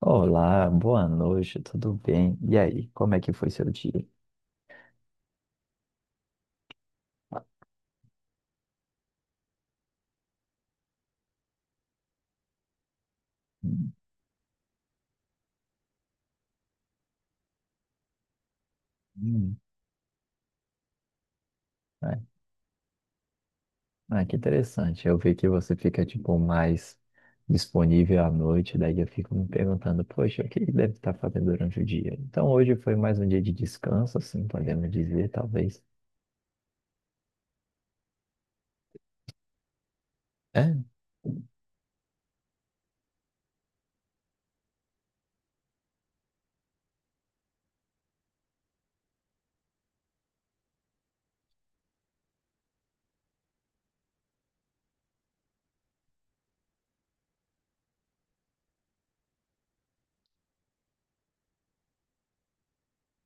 Olá, boa noite, tudo bem? E aí, como é que foi seu dia? Hum, hum, é. Ah, que interessante. Eu vi que você fica, tipo, mais disponível à noite, daí eu fico me perguntando, poxa, o que ele deve estar fazendo durante o dia? Então, hoje foi mais um dia de descanso, assim, podemos dizer, talvez. É?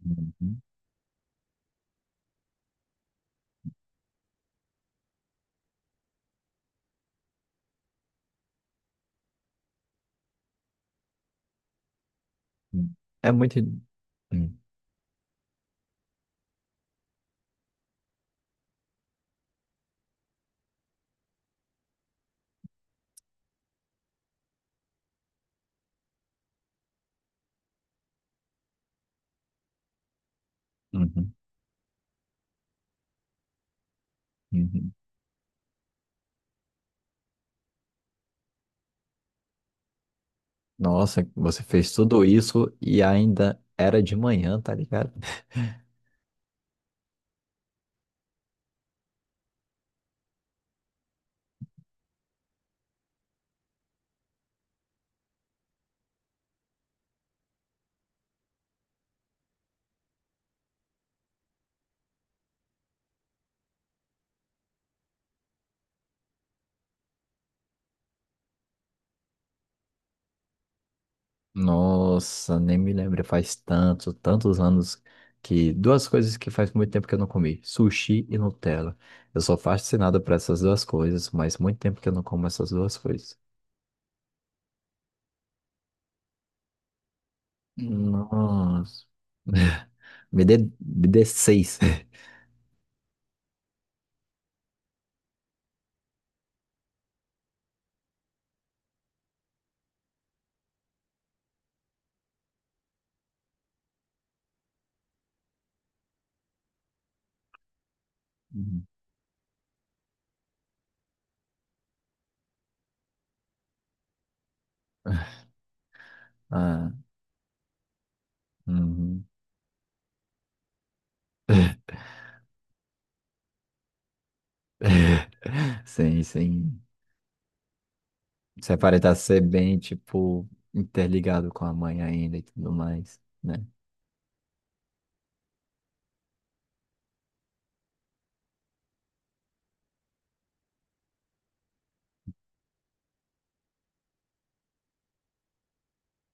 Uhum, uhum. É muito. Hum, uhum, uhum. Nossa, você fez tudo isso e ainda era de manhã, tá ligado? Nossa, nem me lembro, faz tanto, tantos anos que duas coisas que faz muito tempo que eu não comi, sushi e Nutella. Eu sou fascinado por essas duas coisas, mas muito tempo que eu não como essas duas coisas. Nossa, me dê seis. Uhum. Ah, uhum. Sim, sim. Você aparenta ser bem, tipo, interligado com a mãe ainda e tudo mais, né?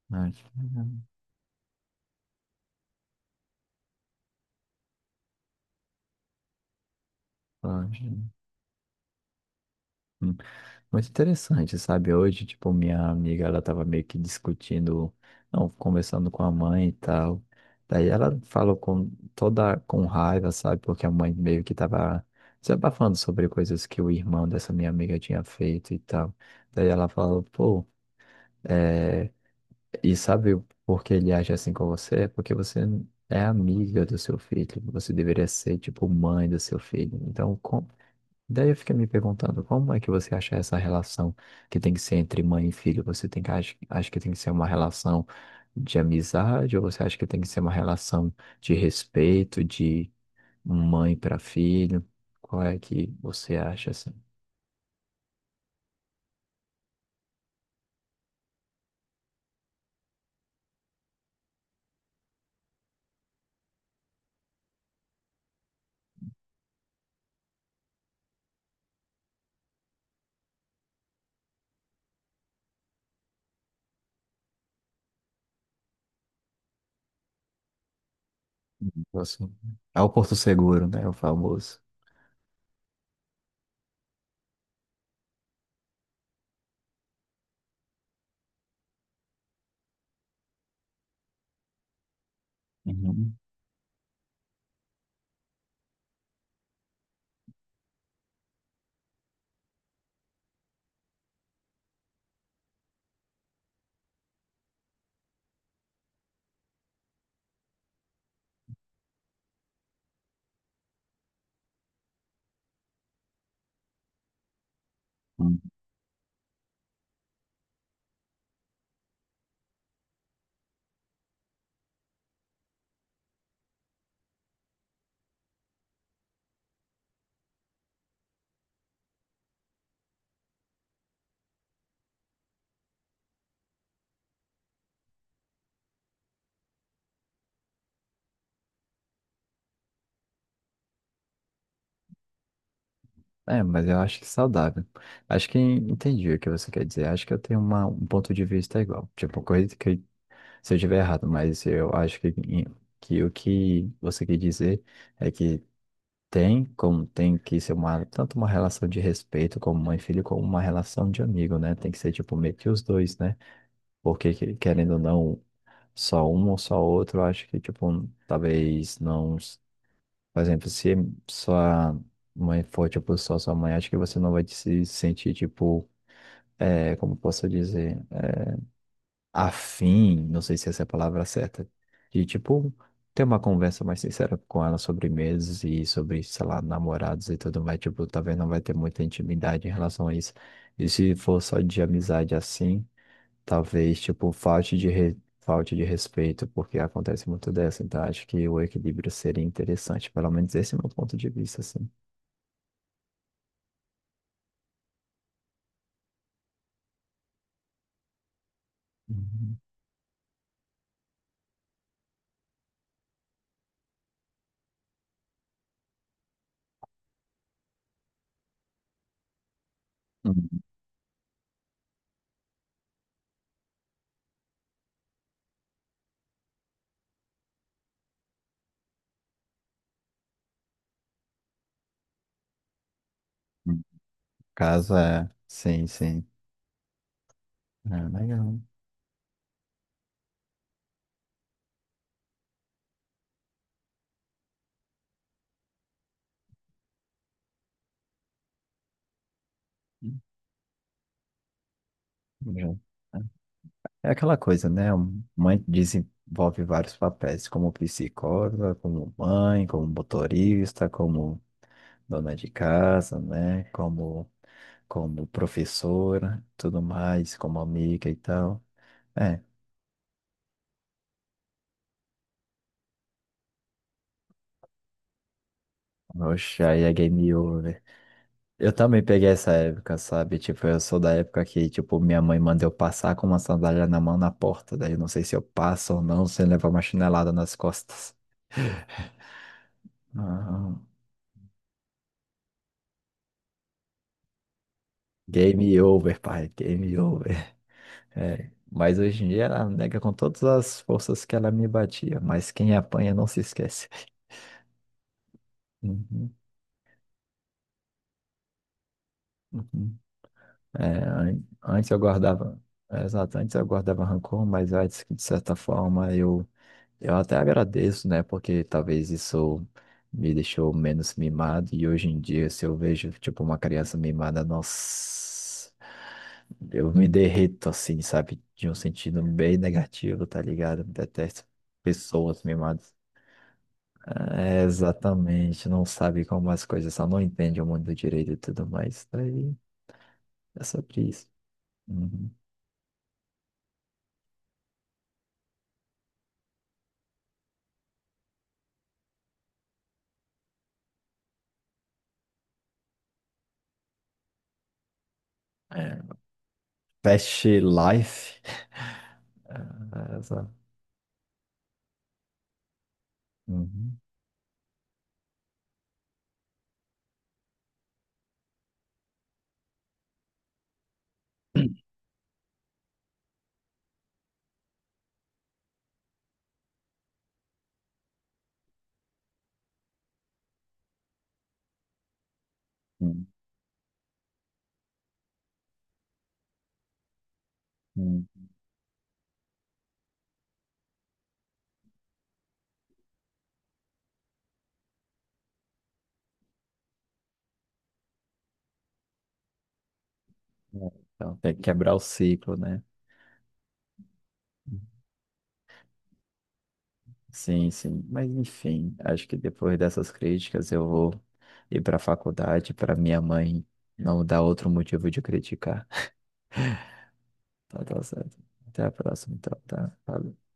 Mas, uhum, muito interessante, sabe? Hoje, tipo, minha amiga, ela tava meio que discutindo, não, conversando com a mãe e tal. Daí ela falou com toda, com raiva, sabe? Porque a mãe meio que tava desabafando sobre coisas que o irmão dessa minha amiga tinha feito e tal. Daí ela falou, pô, é... e sabe por que ele age assim com você? É porque você é amiga do seu filho, você deveria ser, tipo, mãe do seu filho. Então, com- daí eu fiquei me perguntando, como é que você acha essa relação que tem que ser entre mãe e filho? Você tem que, acha, acha que tem que ser uma relação de amizade ou você acha que tem que ser uma relação de respeito, de mãe para filho? Qual é que você acha assim? Você- é o Porto Seguro, né? O famoso. Uhum. Uhum. É, mas eu acho que é saudável. Acho que entendi o que você quer dizer. Acho que eu tenho uma, um ponto de vista igual. Tipo, coisa que se eu estiver errado, mas eu acho que o que você quer dizer é que tem como tem que ser uma, tanto uma relação de respeito como mãe e filho, como uma relação de amigo, né? Tem que ser, tipo, meio que os dois, né? Porque, que- querendo ou não, só um ou só outro, eu acho que, tipo, talvez não... s- por exemplo, se sua mãe for, tipo, só sua mãe, acho que você não vai se sentir, tipo, como posso dizer? Afim, não sei se essa é a palavra certa, de tipo ter uma conversa mais sincera com ela sobre meses e sobre, sei lá, namorados e tudo mais, tipo, talvez não vai ter muita intimidade em relação a isso. E se for só de amizade assim, talvez tipo falte de re... falte de respeito, porque acontece muito dessa, então acho que o equilíbrio seria interessante, pelo menos esse é o meu ponto de vista, assim. Uhum. Uhum. Casa, é, sim, sim. Ah, legal. Uhum. É aquela coisa, né? Um- mãe desenvolve vários papéis, como psicóloga, como mãe, como motorista, como dona de casa, né? Como, como professora, tudo mais, como amiga e tal. É, oxe, aí é game over. Eu também peguei essa época, sabe? Tipo, eu sou da época que, tipo, minha mãe manda eu passar com uma sandália na mão na porta. Daí eu não sei se eu passo ou não, sem levar uma chinelada nas costas. Ah, game over, pai, game over. É, mas hoje em dia ela nega com todas as forças que ela me batia, mas quem apanha não se esquece. Uhum, uhum. É, an- antes eu guardava, é, exato, antes eu guardava rancor, mas antes que de certa forma eu até agradeço, né? Porque talvez isso me deixou menos mimado e hoje em dia se eu vejo tipo uma criança mimada, nossa, eu me derreto assim, sabe? De um sentido bem negativo, tá ligado? Detesto pessoas mimadas. É, exatamente, não sabe como as coisas são, não entende o mundo direito e tudo mais. Daí é sobre isso. Uhum. É. Fast Life. É, essa. Uhum. Hum, hum. É, então, tem que quebrar o ciclo, né? Sim, sim. Mas, enfim, acho que depois dessas críticas eu vou ir para a faculdade para minha mãe não dar outro motivo de criticar. Tá, tá certo. Até a próxima, então, tá? Valeu.